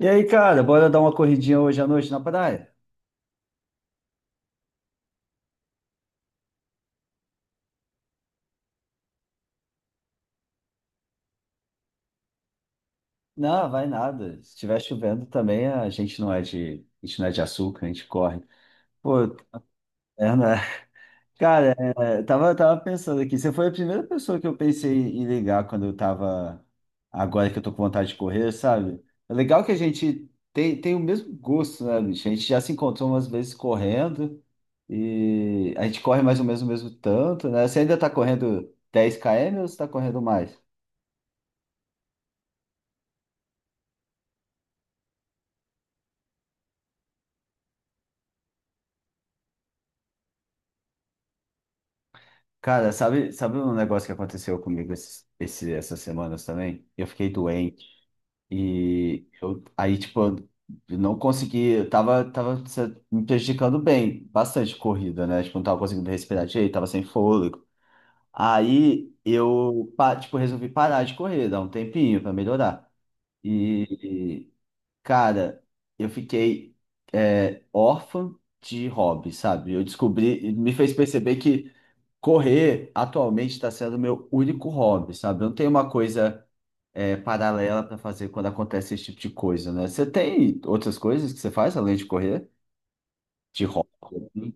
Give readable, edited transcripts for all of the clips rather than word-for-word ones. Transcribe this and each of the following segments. E aí, cara, bora dar uma corridinha hoje à noite na praia? Não, vai nada. Se estiver chovendo também, a gente não é de açúcar, a gente corre. Pô, é, né? Cara, é, tava pensando aqui, você foi a primeira pessoa que eu pensei em ligar quando eu tava, agora que eu tô com vontade de correr, sabe? É legal que tem o mesmo gosto, né, bicho? A gente já se encontrou umas vezes correndo e a gente corre mais ou menos o mesmo tanto, né? Você ainda tá correndo 10 km ou você tá correndo mais? Cara, sabe um negócio que aconteceu comigo essas semanas também? Eu fiquei doente e eu não consegui, tava se- me prejudicando bem, bastante corrida, né? Tipo, não tava conseguindo respirar direito, tava sem fôlego. Aí eu, pa- tipo, Resolvi parar de correr, dar um tempinho pra melhorar. E cara, eu fiquei órfã de hobby, sabe? Me fez perceber que correr atualmente está sendo meu único hobby, sabe? Eu não tenho uma coisa paralela para fazer quando acontece esse tipo de coisa, né? Você tem outras coisas que você faz além de correr? De hobby? Assim?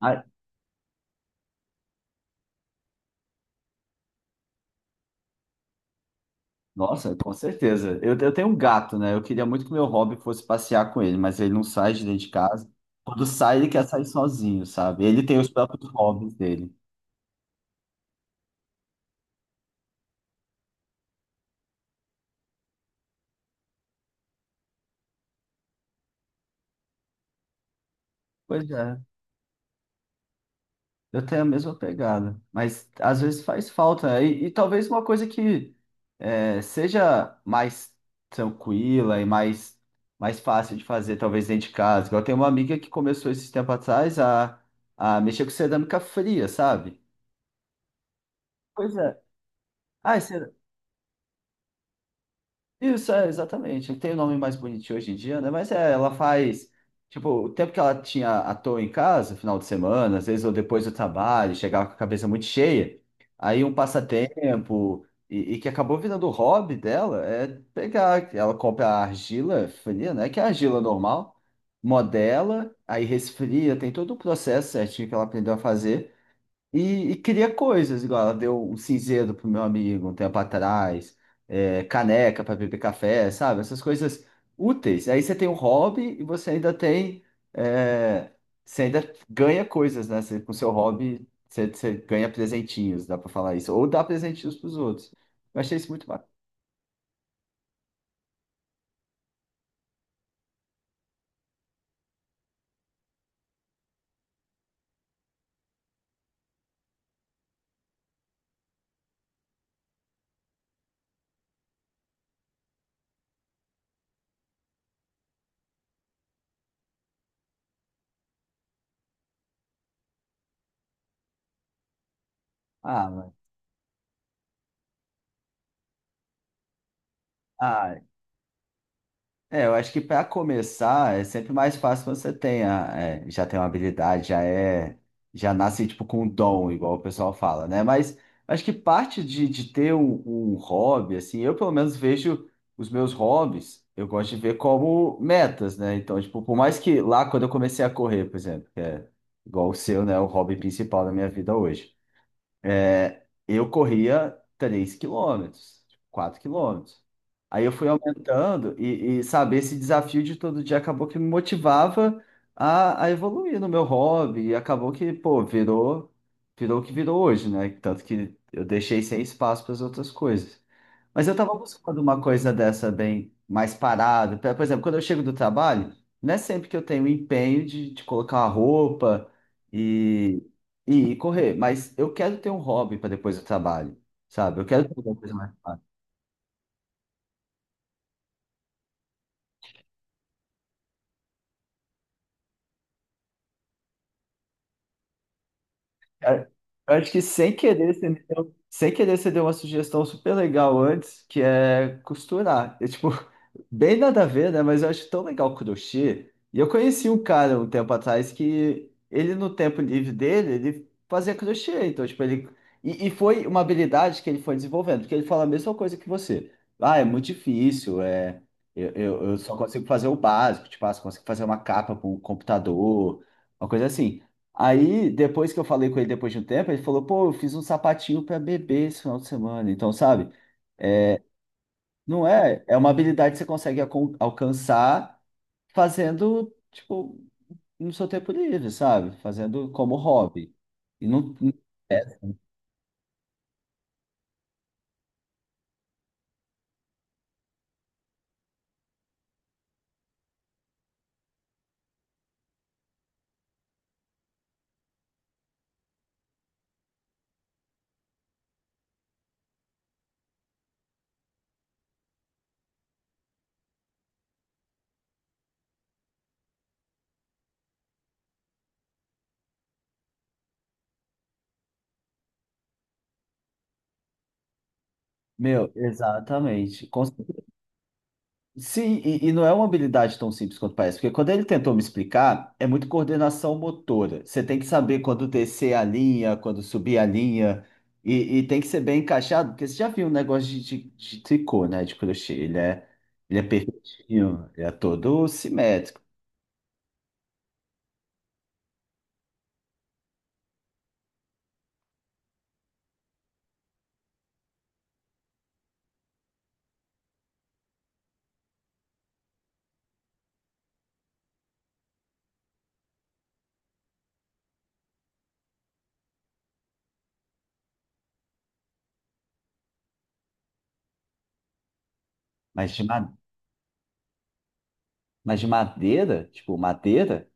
Ah, nossa, com certeza. Eu tenho um gato, né? Eu queria muito que meu hobby fosse passear com ele, mas ele não sai de dentro de casa. Quando sai, ele quer sair sozinho, sabe? Ele tem os próprios hobbies dele. Pois é, eu tenho a mesma pegada, mas às vezes faz falta, né? E talvez uma coisa que seja mais tranquila mais fácil de fazer, talvez dentro de casa. Igual eu tenho uma amiga que começou esses tempo atrás a mexer com cerâmica fria, sabe? Pois é. Ah, isso, é, exatamente. Tem o nome mais bonitinho hoje em dia, né? Mas é, ela faz. Tipo, o tempo que ela tinha à toa em casa, final de semana, às vezes ou depois do trabalho, chegava com a cabeça muito cheia. Aí um passatempo, e que acabou virando o hobby dela, pegar. Ela compra a argila fria, né? Que é a argila normal, modela, aí resfria, tem todo o processo certinho que ela aprendeu a fazer. E cria coisas, igual ela deu um cinzeiro pro meu amigo um tempo atrás, é, caneca para beber café, sabe? Essas coisas úteis. Aí você tem um hobby e você ainda tem. é, Você ainda ganha coisas, né? Com seu hobby, você ganha presentinhos, dá para falar isso. Ou dá presentinhos pros outros. Eu achei isso muito bacana. Ah, mano. É, eu acho que para começar é sempre mais fácil quando você tem a- já tem uma habilidade, já nasce tipo com um dom, igual o pessoal fala, né? Mas acho que parte de ter um hobby, assim, eu pelo menos vejo os meus hobbies, eu gosto de ver como metas, né? Então, tipo, por mais que lá quando eu comecei a correr, por exemplo, que é igual o seu, né, o hobby principal da minha vida hoje. É, eu corria 3 quilômetros, 4 quilômetros. Aí eu fui aumentando e sabe, esse desafio de todo dia acabou que me motivava a evoluir no meu hobby e acabou que, pô, virou, virou o que virou hoje, né? Tanto que eu deixei sem espaço para as outras coisas. Mas eu tava buscando uma coisa dessa bem mais parada. Por exemplo, quando eu chego do trabalho, não é sempre que eu tenho empenho de colocar a roupa e correr, mas eu quero ter um hobby para depois do trabalho, sabe? Eu quero ter alguma coisa mais fácil. Cara, eu acho que sem querer você me deu, sem querer você deu uma sugestão super legal antes, que é costurar. Eu, tipo, bem nada a ver, né? Mas eu acho tão legal o crochê. E eu conheci um cara um tempo atrás que ele, no tempo livre dele, ele fazia crochê. Então, tipo, ele. E foi uma habilidade que ele foi desenvolvendo, porque ele fala a mesma coisa que você. Ah, é muito difícil, é. Eu só consigo fazer o básico, tipo, ah, só consigo fazer uma capa para um computador, uma coisa assim. Aí, depois que eu falei com ele depois de um tempo, ele falou, pô, eu fiz um sapatinho para bebê esse final de semana. Então, sabe? Não é? É uma habilidade que você alcançar fazendo, tipo, no seu tempo livre, sabe? Fazendo como hobby. E não, meu, exatamente. Certeza. Sim, e não é uma habilidade tão simples quanto parece, porque quando ele tentou me explicar, é muito coordenação motora. Você tem que saber quando descer a linha, quando subir a linha, e tem que ser bem encaixado, porque você já viu um negócio de tricô, né? De crochê. Ele é perfeitinho, ele é todo simétrico. Mas de madeira. Mas de madeira? Tipo, madeira?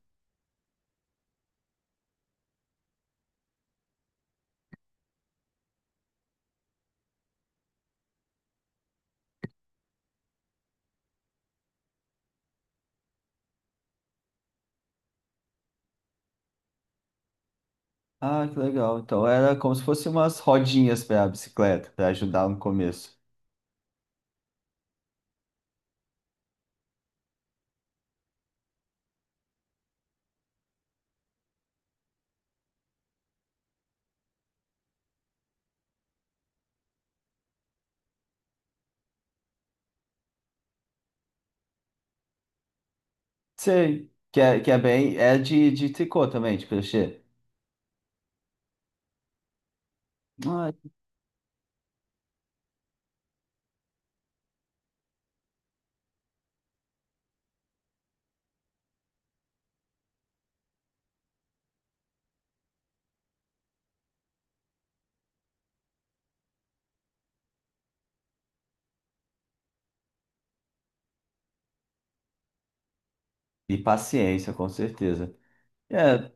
Ah, que legal. Então era como se fosse umas rodinhas para a bicicleta, para ajudar no começo. Sei. Que é bem. É de tricô também, de crochê. Ah, e paciência, com certeza. É.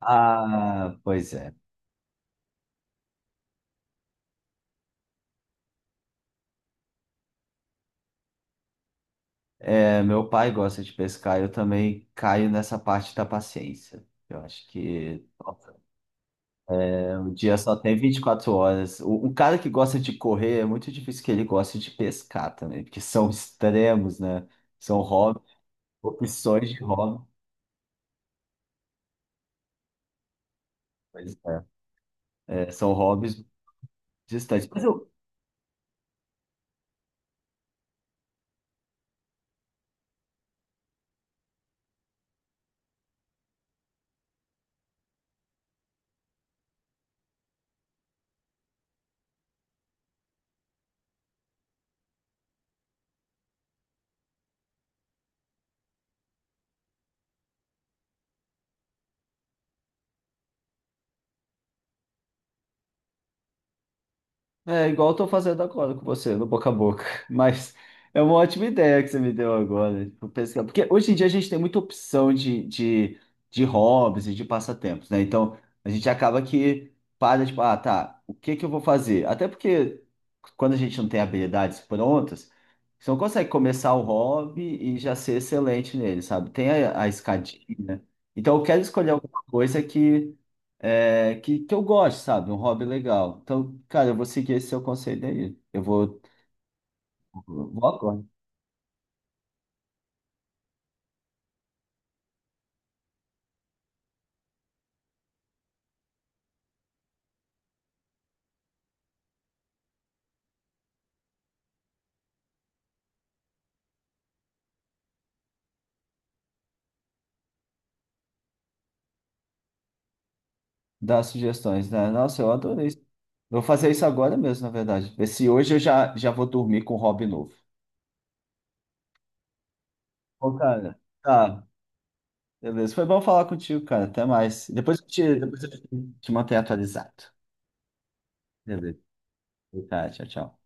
Ah, pois é. É, meu pai gosta de pescar, eu também caio nessa parte da paciência. Eu acho que. O dia só tem 24 horas. O, um cara que gosta de correr, é muito difícil que ele goste de pescar também, porque são extremos, né? São hobbies, opções de hobby. Pois é. É, são hobbies distantes. Mas eu, é igual eu tô fazendo agora com você, no boca a boca. Mas é uma ótima ideia que você me deu agora. Tipo, pesquisar. Porque hoje em dia a gente tem muita opção de hobbies e de passatempos, né? Então a gente acaba que para, tipo, ah, tá, o que que eu vou fazer? Até porque quando a gente não tem habilidades prontas, você não consegue começar o hobby e já ser excelente nele, sabe? Tem a escadinha. Então eu quero escolher alguma coisa que que eu gosto, sabe? Um hobby legal. Então, cara, eu vou seguir esse seu conselho aí. Vou agora dar sugestões, né? Nossa, eu adorei isso. Vou fazer isso agora mesmo, na verdade. Ver se hoje já vou dormir com um hobby novo. Ô, cara, tá. Beleza. Foi bom falar contigo, cara. Até mais. Depois eu te te mantenho atualizado. Beleza. Tá, tchau, tchau.